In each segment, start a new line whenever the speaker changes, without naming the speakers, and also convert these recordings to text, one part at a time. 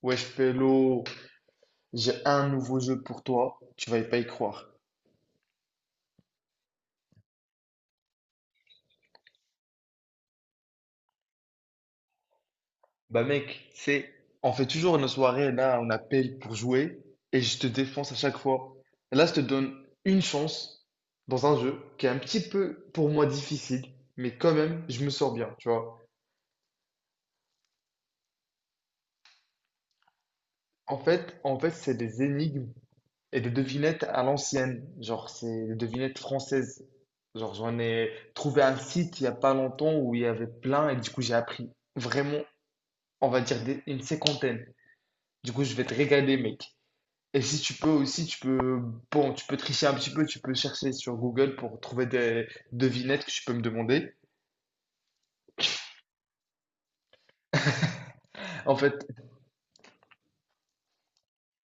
Wesh Pélo, j'ai un nouveau jeu pour toi, tu vas pas y croire. Bah mec, on fait toujours une soirée, là on appelle pour jouer, et je te défonce à chaque fois. Là je te donne une chance dans un jeu qui est un petit peu pour moi difficile, mais quand même je me sors bien, tu vois. En fait, c'est des énigmes et des devinettes à l'ancienne, genre c'est des devinettes françaises. Genre j'en ai trouvé un site il y a pas longtemps où il y avait plein, et du coup j'ai appris vraiment on va dire une cinquantaine. Du coup, je vais te régaler, mec. Et si tu peux aussi, bon, tu peux tricher un petit peu, tu peux chercher sur Google pour trouver des devinettes que tu peux me demander. En fait,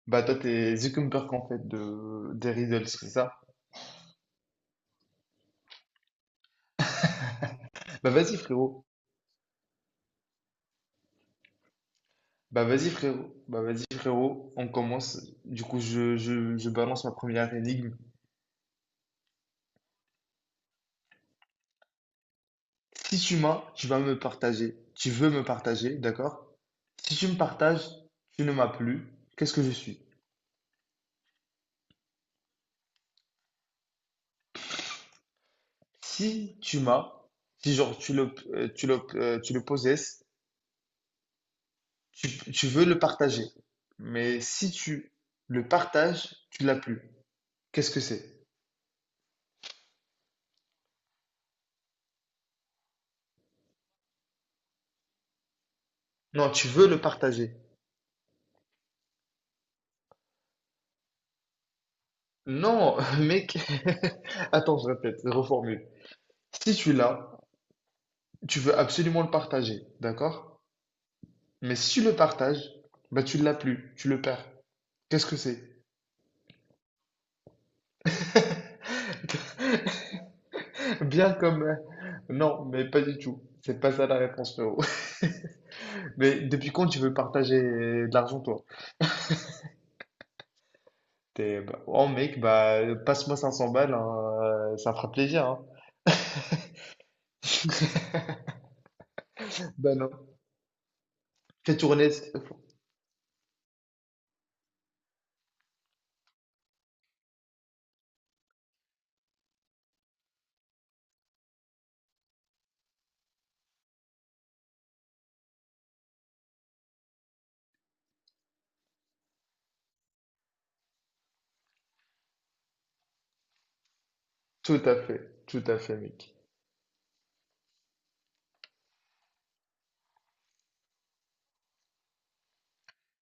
bah toi, t'es Zuckerberg, en fait, des riddles, c'est ça? Bah vas-y, frérot. Bah vas-y, frérot. Bah vas-y, frérot. On commence. Du coup, je balance ma première énigme. Si tu m'as, tu vas me partager. Tu veux me partager, d'accord? Si tu me partages, tu ne m'as plus. Qu'est-ce que je suis? Si tu m'as, si genre tu le possèdes, tu veux le partager. Mais si tu le partages, tu l'as plus. Qu'est-ce que c'est? Non, tu veux le partager. Non, mec. Attends, je répète, je reformule. Si tu l'as, tu veux absolument le partager, d'accord? Mais si tu le partages, bah tu l'as plus, tu le perds. Qu'est-ce que c'est? Bien comme... euh, Non, mais pas du tout. C'est pas ça la réponse, frérot. Mais depuis quand tu veux partager de l'argent, toi? Bah, oh mec, bah, passe-moi 500 balles, hein, ça fera plaisir, hein. Bah non. Fais tourner. Tout à fait, mec.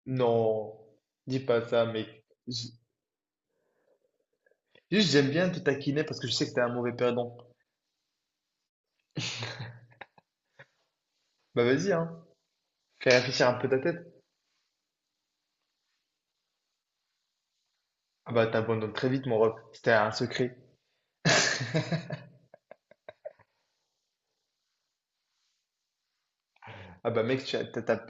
Non, dis pas ça, mec. Juste, j'aime bien te taquiner parce que je sais que t'es un mauvais perdant. Bah vas-y, hein. Fais réfléchir un peu ta tête. Ah bah t'abandonnes très vite, mon ref. C'était un secret. Ah bah mec, tu as, t'as- t'as-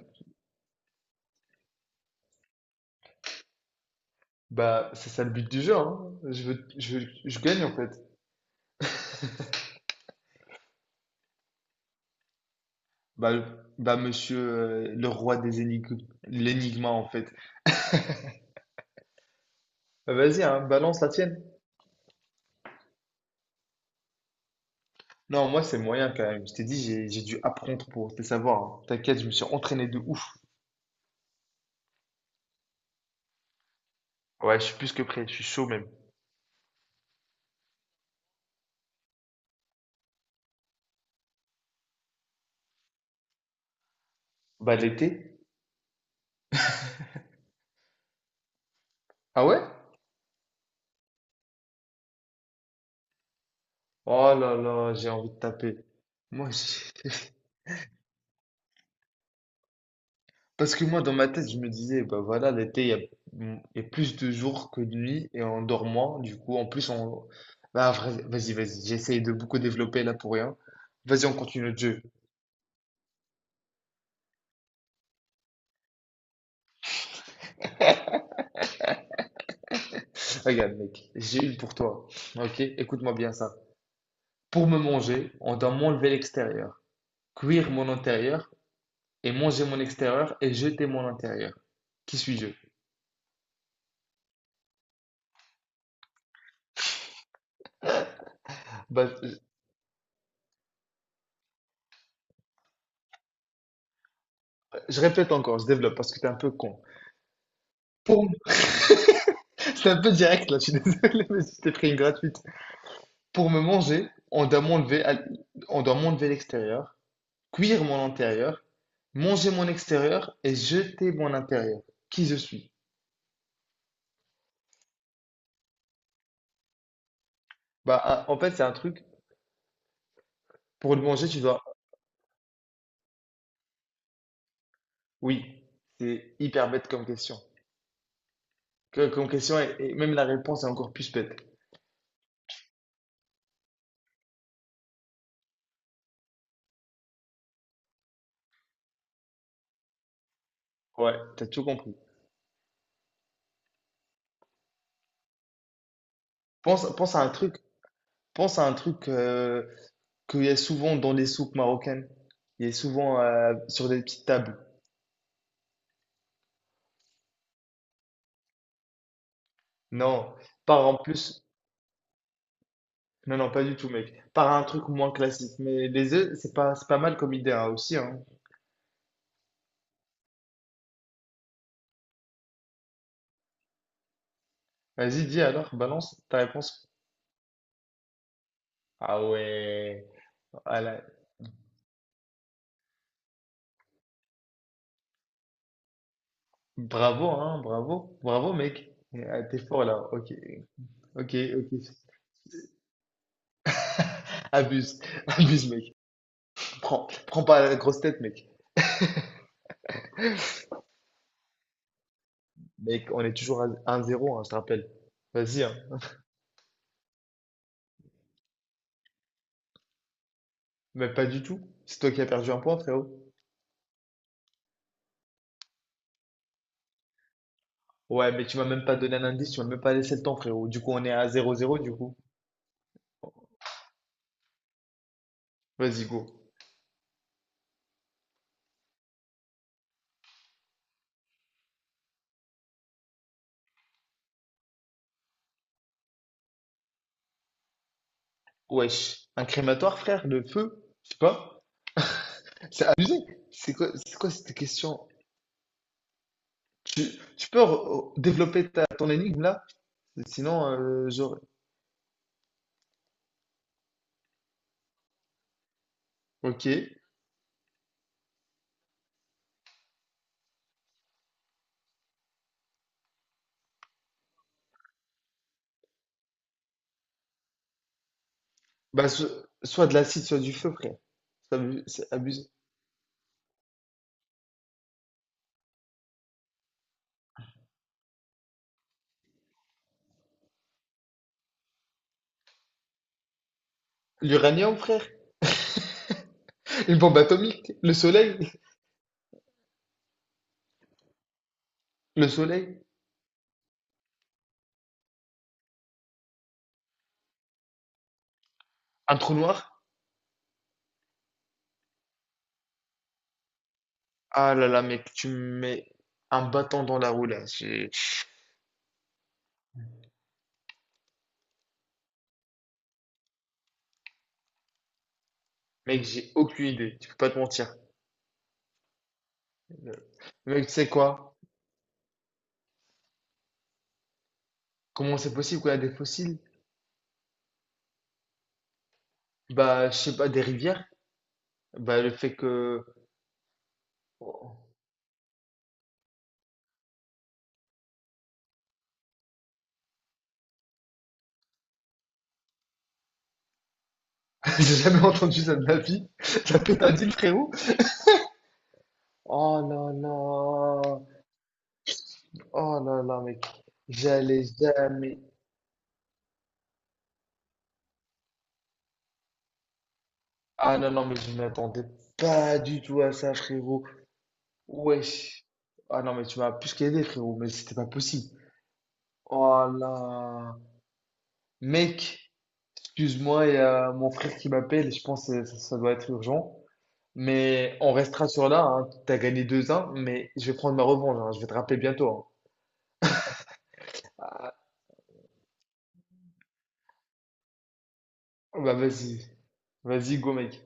Bah, c'est ça le but du jeu, hein. Je gagne, en fait. Bah, bah, monsieur le roi des énigmes, l'énigma en fait. Bah, vas-y, hein, balance la tienne. Non, moi c'est moyen quand même. Je t'ai dit, j'ai dû apprendre pour te savoir. Hein. T'inquiète, je me suis entraîné de ouf. Ouais, je suis plus que prêt, je suis chaud même. Bah l'été? Ah ouais? Oh là là, j'ai envie de taper. Moi, j'ai- Parce que moi dans ma tête, je me disais, bah voilà, l'été, il y a plus de jours que de nuits et on dort moins. Du coup, en plus, on. Vas-y, vas-y, j'essaye de beaucoup développer là pour rien. Vas-y, on continue le jeu. Regarde, mec, j'ai une pour toi. Ok, écoute-moi bien ça. Pour me manger, on doit m'enlever l'extérieur, cuire mon intérieur et manger mon extérieur et jeter mon intérieur. Qui suis-je? Bah, je répète encore, je développe parce que t'es un peu con. Pour... C'est un peu direct là, je suis désolé, mais je t'ai pris une gratuite. Pour me manger, on doit m'enlever l'extérieur, cuire mon intérieur, manger mon extérieur et jeter mon intérieur. Qui je suis? Bah, en fait, c'est un truc. Pour le manger, tu dois Oui, c'est hyper bête comme question. Comme question, et même la réponse est encore plus bête. Ouais, t'as tout compris. Pense, pense à un truc, pense à un truc qu'il y a souvent dans les soupes marocaines. Il y a souvent sur des petites tables. Non, par en plus. Non, non, pas du tout, mec. Par un truc moins classique. Mais les œufs, c'est pas mal comme idée hein, aussi. Hein. Vas-y, dis alors, balance ta réponse. Ah ouais. Voilà. Bravo, hein, bravo. Bravo, mec. Ah, t'es fort là. Ok. Ok, ok. Abuse, abuse, mec. Prends pas la grosse tête, mec. Mec, on est toujours à 1-0, hein, je te rappelle. Vas-y, hein. Mais pas du tout. C'est toi qui as perdu un point, frérot. Ouais, mais tu m'as même pas donné un indice, tu m'as même pas laissé le temps, frérot. Du coup, on est à 0-0, du coup. Vas-y, go. Wesh. Un crématoire, frère, le feu? Je sais pas. C'est abusé. C'est quoi cette question? Tu, tu peux développer ton énigme, là? Sinon, j'aurais. Ok. Bah, soit de l'acide, soit du feu, frère. C'est abusé. L'uranium, frère? Une bombe atomique, le soleil, un trou noir. Ah là là, mec, tu me mets un bâton dans la roue là. Mec, j'ai aucune idée, je peux pas te mentir. Mec, tu sais quoi? Comment c'est possible qu'on a des fossiles? Bah, je sais pas, des rivières? Bah, le fait que. Oh. J'ai jamais entendu ça de ma vie. La pétadine, frérot. Oh là là. Oh là là, mec. J'allais jamais. Ah non, non, mais je m'attendais pas du tout à ça, frérot. Wesh. Ah non, mais tu m'as plus qu'aidé, frérot, mais c'était pas possible. Oh là. Mec, excuse-moi, il y a mon frère qui m'appelle, je pense que ça doit être urgent. Mais on restera sur là, hein. T'as gagné deux 1 mais je vais prendre ma revanche, hein. Je vais te rappeler bientôt, hein. Bah vas-y. Vas-y, go, mec.